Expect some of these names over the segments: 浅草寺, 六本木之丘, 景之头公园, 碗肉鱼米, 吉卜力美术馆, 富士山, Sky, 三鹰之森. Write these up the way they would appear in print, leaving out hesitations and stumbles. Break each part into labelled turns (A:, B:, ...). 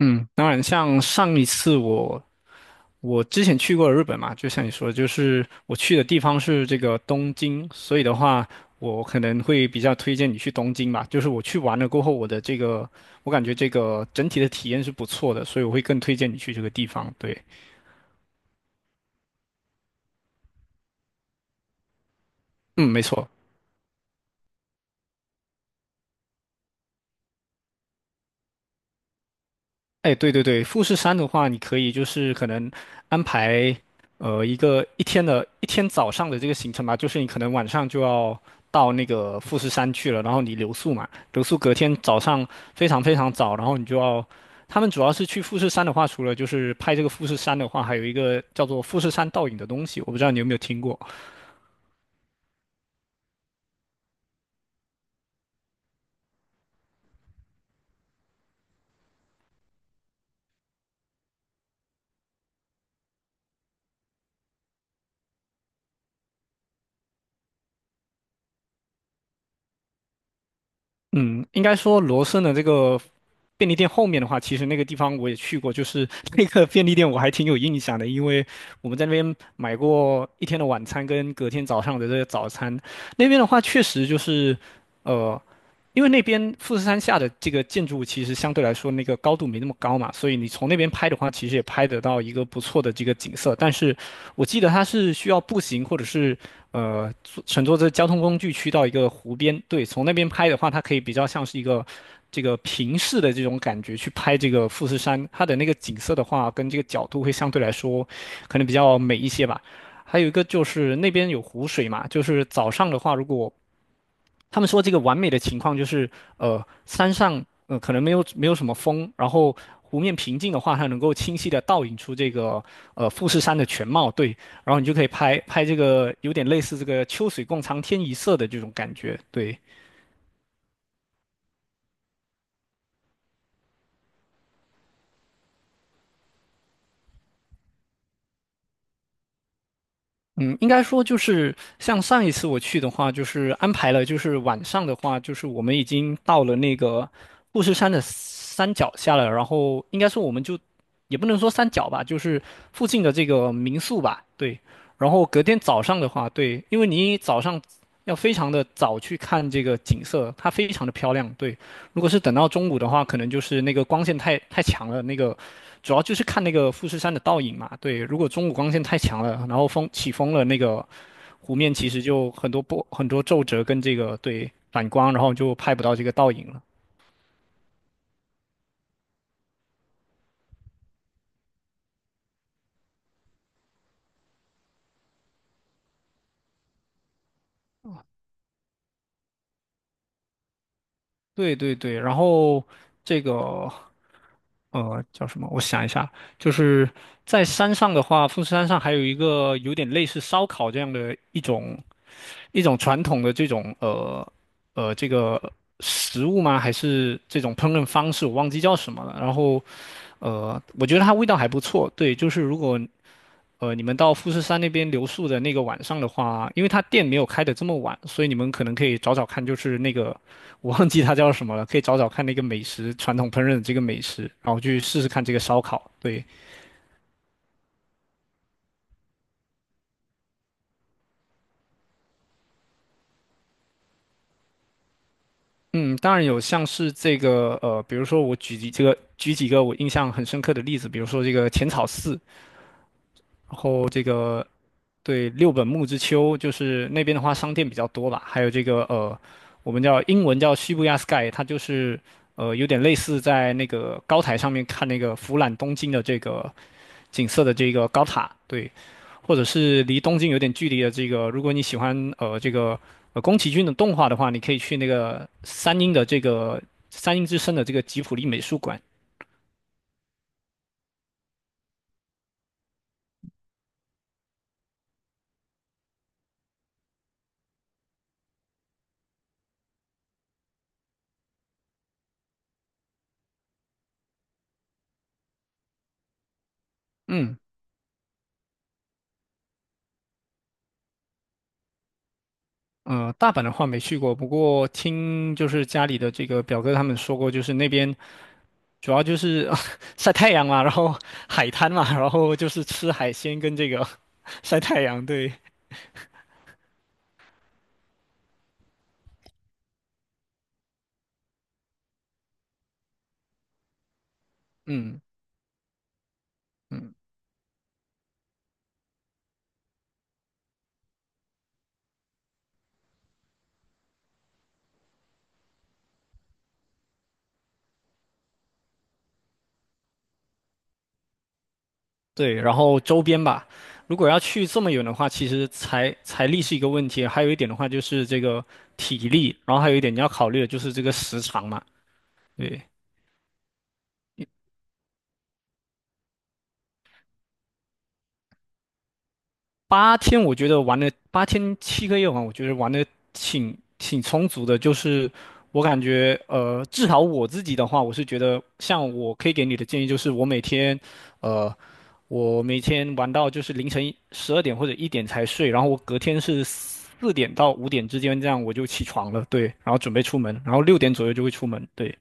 A: 嗯，当然，像上一次我之前去过日本嘛，就像你说的，就是我去的地方是这个东京，所以的话，我可能会比较推荐你去东京吧。就是我去完了过后，我感觉这个整体的体验是不错的，所以我会更推荐你去这个地方。对，嗯，没错。哎，对对对，富士山的话，你可以就是可能安排一个一天的一天早上的这个行程吧，就是你可能晚上就要到那个富士山去了，然后你留宿嘛，留宿隔天早上非常非常早，然后你就要，他们主要是去富士山的话，除了就是拍这个富士山的话，还有一个叫做富士山倒影的东西，我不知道你有没有听过。嗯，应该说罗森的这个便利店后面的话，其实那个地方我也去过，就是 那个便利店我还挺有印象的，因为我们在那边买过一天的晚餐跟隔天早上的这个早餐。那边的话，确实就是，呃，因为那边富士山下的这个建筑物其实相对来说那个高度没那么高嘛，所以你从那边拍的话，其实也拍得到一个不错的这个景色。但是我记得它是需要步行或者是乘坐这交通工具去到一个湖边，对，从那边拍的话，它可以比较像是一个。这个平视的这种感觉去拍这个富士山，它的那个景色的话，跟这个角度会相对来说可能比较美一些吧。还有一个就是那边有湖水嘛，就是早上的话，如果他们说这个完美的情况就是，山上可能没有什么风，然后湖面平静的话，它能够清晰的倒影出这个富士山的全貌，对，然后你就可以拍拍这个有点类似这个秋水共长天一色的这种感觉，对。嗯，应该说就是像上一次我去的话，就是安排了，就是晚上的话，就是我们已经到了那个富士山的山脚下了，然后应该说我们就也不能说山脚吧，就是附近的这个民宿吧，对。然后隔天早上的话，对，因为你早上要非常的早去看这个景色，它非常的漂亮，对。如果是等到中午的话，可能就是那个光线太强了，那个主要就是看那个富士山的倒影嘛。对，如果中午光线太强了，然后风起风了，那个湖面其实就很多波、很多皱褶跟这个对反光，然后就拍不到这个倒影了。对对对，然后这个叫什么？我想一下，就是在山上的话，富士山上还有一个有点类似烧烤这样的一种传统的这个食物吗？还是这种烹饪方式？我忘记叫什么了。然后我觉得它味道还不错。对，就是如果你们到富士山那边留宿的那个晚上的话，因为它店没有开的这么晚，所以你们可能可以找找看，就是那个我忘记它叫什么了，可以找找看那个美食，传统烹饪的这个美食，然后去试试看这个烧烤。对，嗯，当然有像是这个比如说我举几个我印象很深刻的例子，比如说这个浅草寺，然后这个对，六本木之丘就是那边的话，商店比较多吧。还有这个我们叫英文叫 s h 亚 Sky，它就是有点类似在那个高台上面看那个俯览东京的这个景色的这个高塔，对，或者是离东京有点距离的这个，如果你喜欢这个宫崎骏的动画的话，你可以去那个三鹰的这个三鹰之森的这个吉卜力美术馆。嗯，大阪的话没去过，不过听就是家里的这个表哥他们说过，就是那边主要就是啊 晒太阳嘛，然后海滩嘛，然后就是吃海鲜跟这个 晒太阳，对，嗯嗯，对，然后周边吧。如果要去这么远的话，其实财力是一个问题，还有一点的话就是这个体力，然后还有一点你要考虑的就是这个时长嘛，对。八天我觉得玩了8天7个夜晚，我觉得玩的挺充足的。就是我感觉，至少我自己的话，我是觉得，像我可以给你的建议就是，我每天，呃，我每天玩到就是凌晨12点或者一点才睡，然后我隔天是4点到5点之间这样我就起床了，对，然后准备出门，然后六点左右就会出门，对。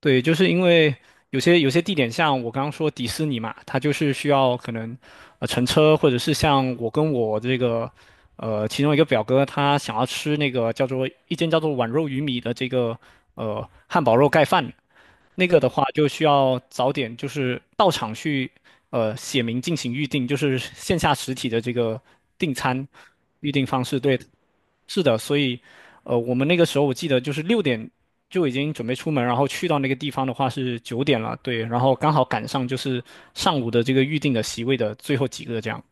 A: 对，就是因为有些地点，像我刚刚说迪士尼嘛，它就是需要可能乘车，或者是像我跟我这个其中一个表哥，他想要吃那个叫做一间叫做碗肉鱼米的这个汉堡肉盖饭，那个的话就需要早点就是到场去，写明进行预定，就是线下实体的这个订餐预定方式。对，是的，所以，我们那个时候我记得就是六点就已经准备出门，然后去到那个地方的话是九点了，对，然后刚好赶上就是上午的这个预定的席位的最后几个这样。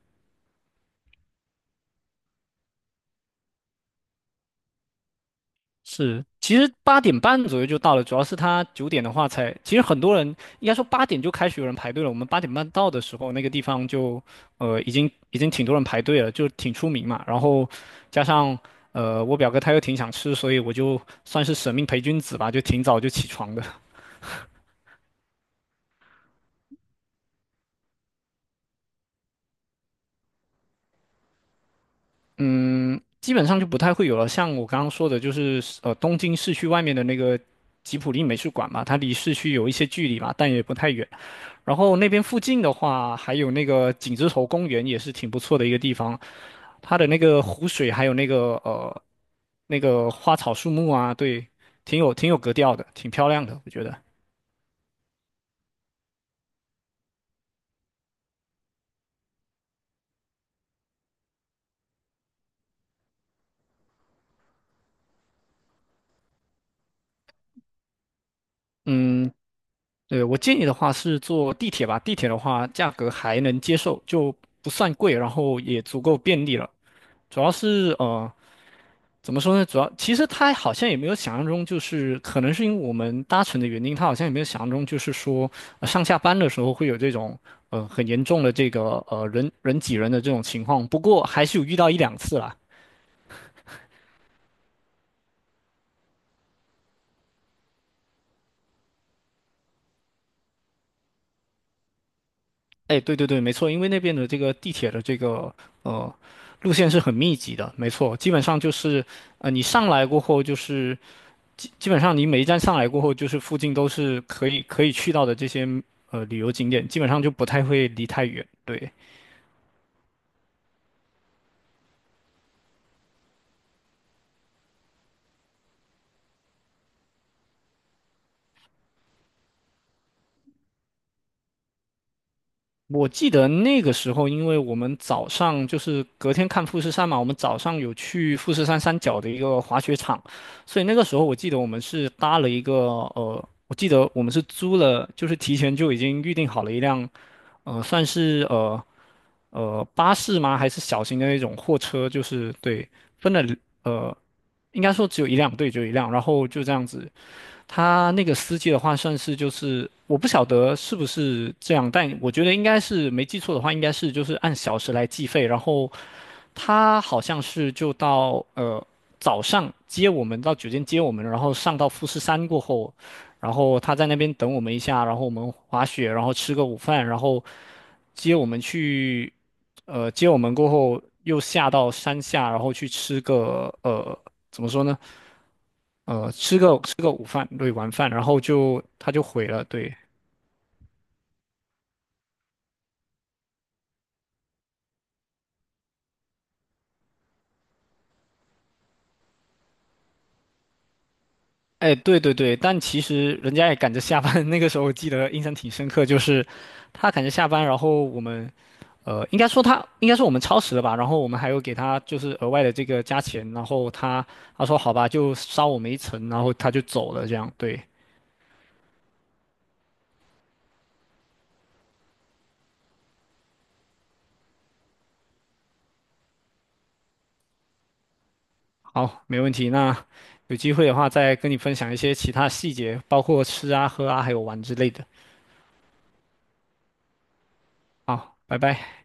A: 是，其实八点半左右就到了，主要是他九点的话才，其实很多人应该说八点就开始有人排队了。我们八点半到的时候，那个地方就已经挺多人排队了，就挺出名嘛。然后加上我表哥他又挺想吃，所以我就算是舍命陪君子吧，就挺早就起床的。嗯，基本上就不太会有了。像我刚刚说的，就是东京市区外面的那个吉普力美术馆嘛，它离市区有一些距离嘛，但也不太远。然后那边附近的话，还有那个景之头公园也是挺不错的一个地方，它的那个湖水还有那个花草树木啊，对，挺有格调的，挺漂亮的，我觉得。嗯，对，我建议的话是坐地铁吧，地铁的话价格还能接受，就不算贵，然后也足够便利了。主要是怎么说呢？主要其实他好像也没有想象中，就是可能是因为我们搭乘的原因，他好像也没有想象中，就是说、上下班的时候会有这种很严重的这个人人挤人的这种情况。不过还是有遇到一两次啦。哎，对对对，没错，因为那边的这个地铁的这个呃路线是很密集的，没错，基本上就是你上来过后，就是基本上你每一站上来过后，就是附近都是可以去到的这些旅游景点，基本上就不太会离太远，对。我记得那个时候，因为我们早上就是隔天看富士山嘛，我们早上有去富士山山脚的一个滑雪场，所以那个时候我记得我们是搭了一个我记得我们是租了，就是提前就已经预定好了一辆，算是巴士吗？还是小型的那种货车？就是对，分了呃，应该说只有一辆，对，只有一辆，然后就这样子他那个司机的话，算是就是我不晓得是不是这样，但我觉得应该是没记错的话，应该是就是按小时来计费。然后他好像是就到早上接我们到酒店接我们，然后上到富士山过后，然后他在那边等我们一下，然后我们滑雪，然后吃个午饭，然后接我们去接我们过后又下到山下，然后去吃个怎么说呢？吃个午饭，对，晚饭，然后就他就毁了，对。哎，对对对，但其实人家也赶着下班，那个时候我记得印象挺深刻，就是他赶着下班，然后我们，应该说我们超时了吧，然后我们还有给他就是额外的这个加钱，然后他说好吧，就捎我们一程，然后他就走了，这样对，好，没问题。那有机会的话再跟你分享一些其他细节，包括吃啊、喝啊，还有玩之类的。好，拜拜。